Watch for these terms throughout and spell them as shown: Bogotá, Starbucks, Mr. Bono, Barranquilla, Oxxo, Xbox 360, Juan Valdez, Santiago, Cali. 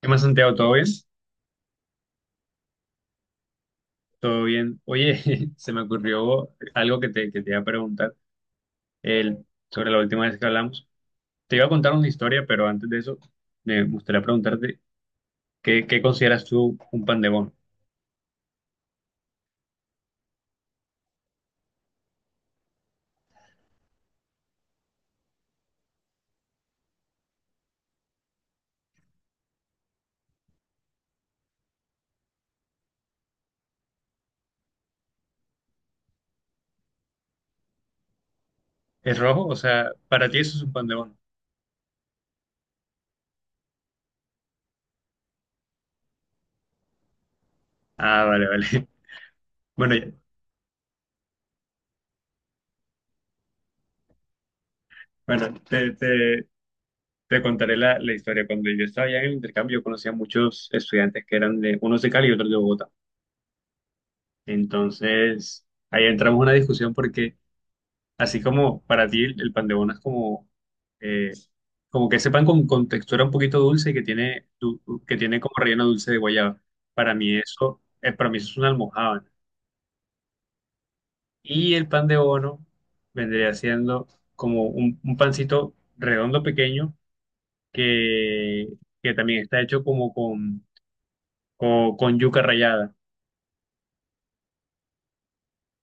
¿Qué más, Santiago? ¿Todo bien? ¿Todo bien? Oye, se me ocurrió algo que te iba a preguntar el, sobre la última vez que hablamos. Te iba a contar una historia, pero antes de eso me gustaría preguntarte ¿qué consideras tú un pan de bono? ¿Es rojo? O sea, para ti eso es un pan de bono. Ah, vale, vale. Bueno, ya. Bueno, te contaré la historia. Cuando yo estaba allá en el intercambio, yo conocía a muchos estudiantes que eran de, unos de Cali y otros de Bogotá. Entonces, ahí entramos en una discusión porque así como para ti el pan de bono es como, eh, como que ese pan con textura un poquito dulce y que tiene, que tiene como relleno dulce de guayaba. Para mí eso es una almojábana. Y el pan de bono vendría siendo como un pancito redondo pequeño que, que también está hecho como con yuca rallada.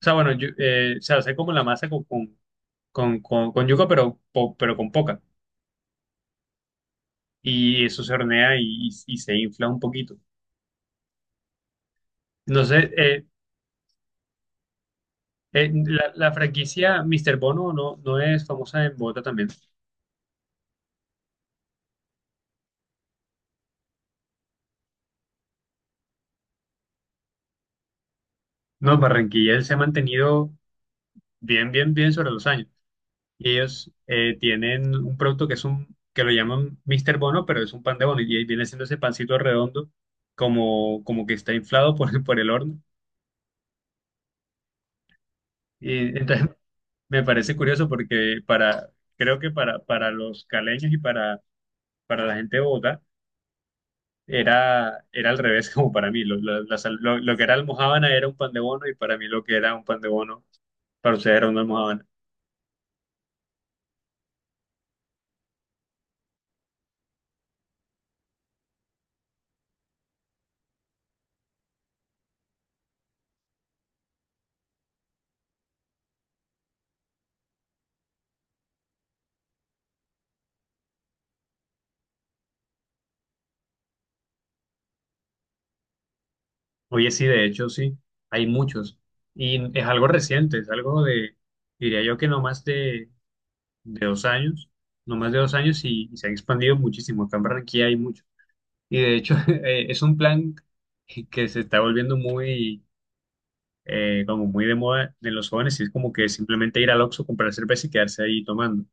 O sea, bueno, se hace como la masa con, con yuca, pero, pero con poca. Y eso se hornea y y se infla un poquito. No sé, la franquicia Mr. Bono no, no es famosa en Bogotá también. No, Barranquilla él se ha mantenido bien, bien, bien sobre los años. Y ellos tienen un producto que es que lo llaman Mr. Bono, pero es un pan de bono. Y ahí viene siendo ese pancito redondo, como que está inflado por, por el horno. Y entonces me parece curioso porque creo que para los caleños y para la gente de Bogotá, era al revés como para mí. Lo que era almojábana era un pan de bono y para mí lo que era un pan de bono para usted era una almojábana. Oye, sí, de hecho, sí, hay muchos. Y es algo reciente, es diría yo que no más de dos años, no más de dos años y se ha expandido muchísimo. Acá en Barranquilla hay muchos. Y de hecho, es un plan que se está volviendo muy, como muy de moda en los jóvenes y es como que simplemente ir al Oxxo, comprar cerveza y quedarse ahí tomando.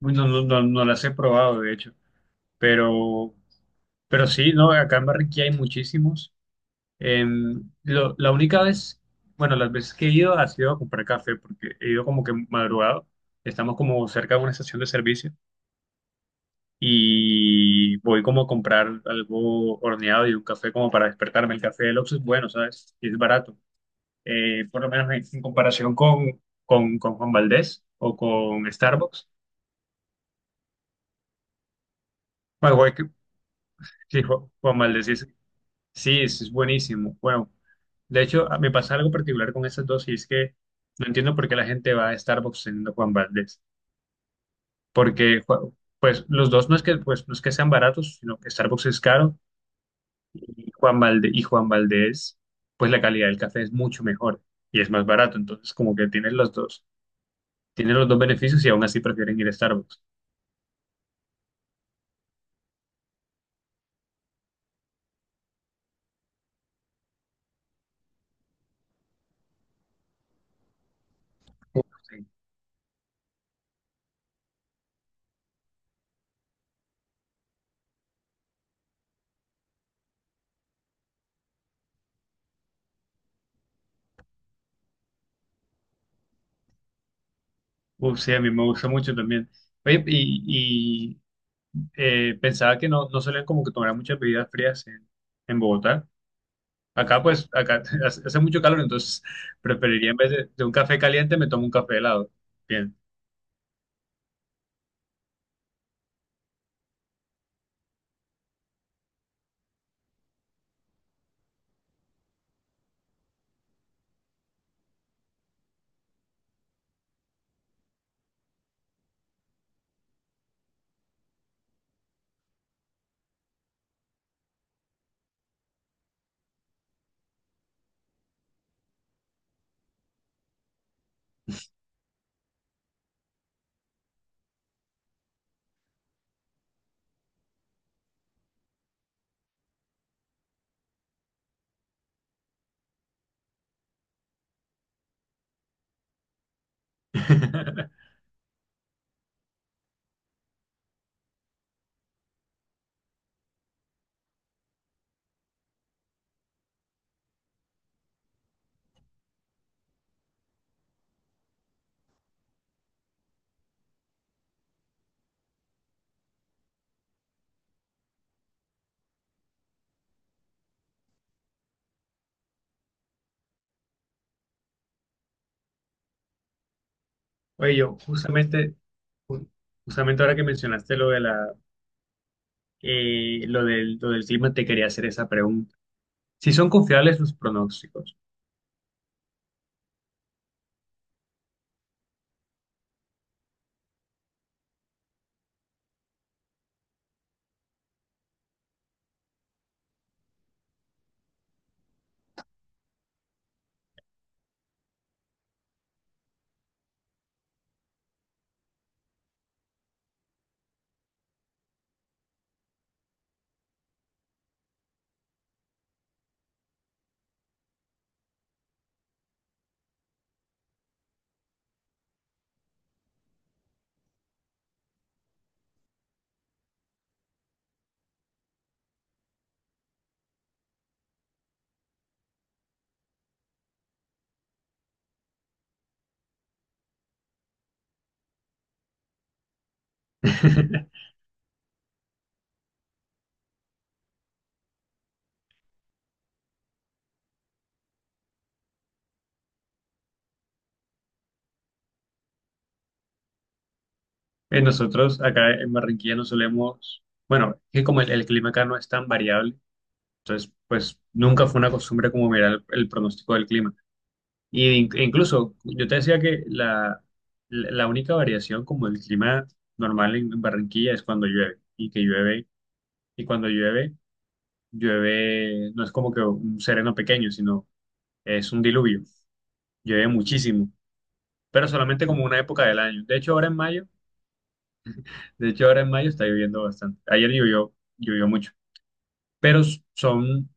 Uy, no, no, no, no las he probado, de hecho, pero, pero sí, ¿no? Acá en Barranquilla hay muchísimos. La única vez, bueno, las veces que he ido ha sido a comprar café, porque he ido como que madrugado, estamos como cerca de una estación de servicio y voy como a comprar algo horneado y un café como para despertarme. El café del Oxxo es bueno, ¿sabes? Y es barato. Por lo menos en comparación con Juan Valdez o con Starbucks. Bueno, igual que- Sí, Juan Valdez, sí, es buenísimo. Bueno, de hecho, me pasa algo particular con esas dos y es que no entiendo por qué la gente va a Starbucks teniendo Juan Valdez. Porque, pues, los dos no es que, pues, no es que sean baratos, sino que Starbucks es caro y Juan Valdez, pues, la calidad del café es mucho mejor y es más barato. Entonces, como que tienen los dos beneficios y aún así prefieren ir a Starbucks. Uf, sí. Uf, sí, a mí me gusta mucho también. Oye, y, pensaba que no, no solían como que tomar muchas bebidas frías en Bogotá. Acá pues, acá hace hace mucho calor, entonces preferiría en vez de un café caliente me tomo un café helado. Bien. Oye, yo justamente, ju- justamente ahora que mencionaste lo de la, lo del clima, te quería hacer esa pregunta. Si son confiables los pronósticos. Nosotros acá en Barranquilla no solemos, bueno, que como el clima acá no es tan variable, entonces pues nunca fue una costumbre como mirar el pronóstico del clima. Y e incluso yo te decía que la, la única variación como el clima normal en Barranquilla es cuando llueve y que llueve y cuando llueve, llueve no es como que un sereno pequeño, sino es un diluvio. Llueve muchísimo, pero solamente como una época del año. De hecho, ahora en mayo, de hecho ahora en mayo está lloviendo bastante. Ayer llovió, llovió mucho, pero son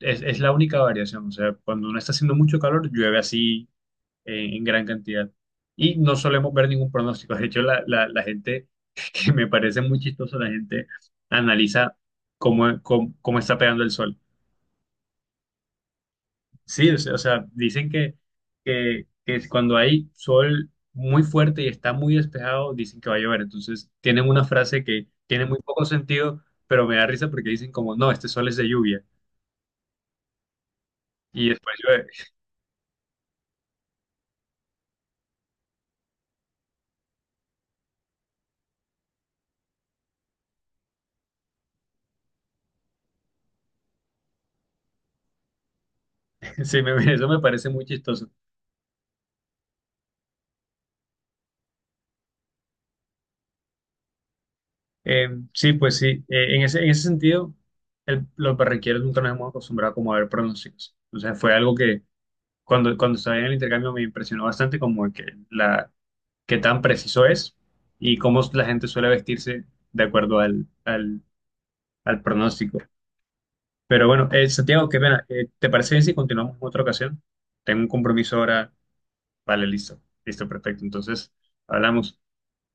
es la única variación, o sea, cuando no está haciendo mucho calor, llueve así en gran cantidad. Y no solemos ver ningún pronóstico. De hecho, la gente, que me parece muy chistoso, la gente analiza cómo está pegando el sol. Sí, o sea, que es cuando hay sol muy fuerte y está muy despejado, dicen que va a llover. Entonces, tienen una frase que tiene muy poco sentido, pero me da risa porque dicen como, no, este sol es de lluvia. Y después llueve. Sí, eso me parece muy chistoso. Sí, pues sí. En ese, en ese sentido, los barranquilleros nunca nos hemos acostumbrado como a ver pronósticos. Entonces fue algo que cuando, cuando estaba en el intercambio me impresionó bastante como que la qué tan preciso es y cómo la gente suele vestirse de acuerdo al, al, al pronóstico. Pero bueno, Santiago, qué pena. ¿Te parece bien si continuamos en otra ocasión? Tengo un compromiso ahora. Vale, listo. Listo, perfecto. Entonces, hablamos.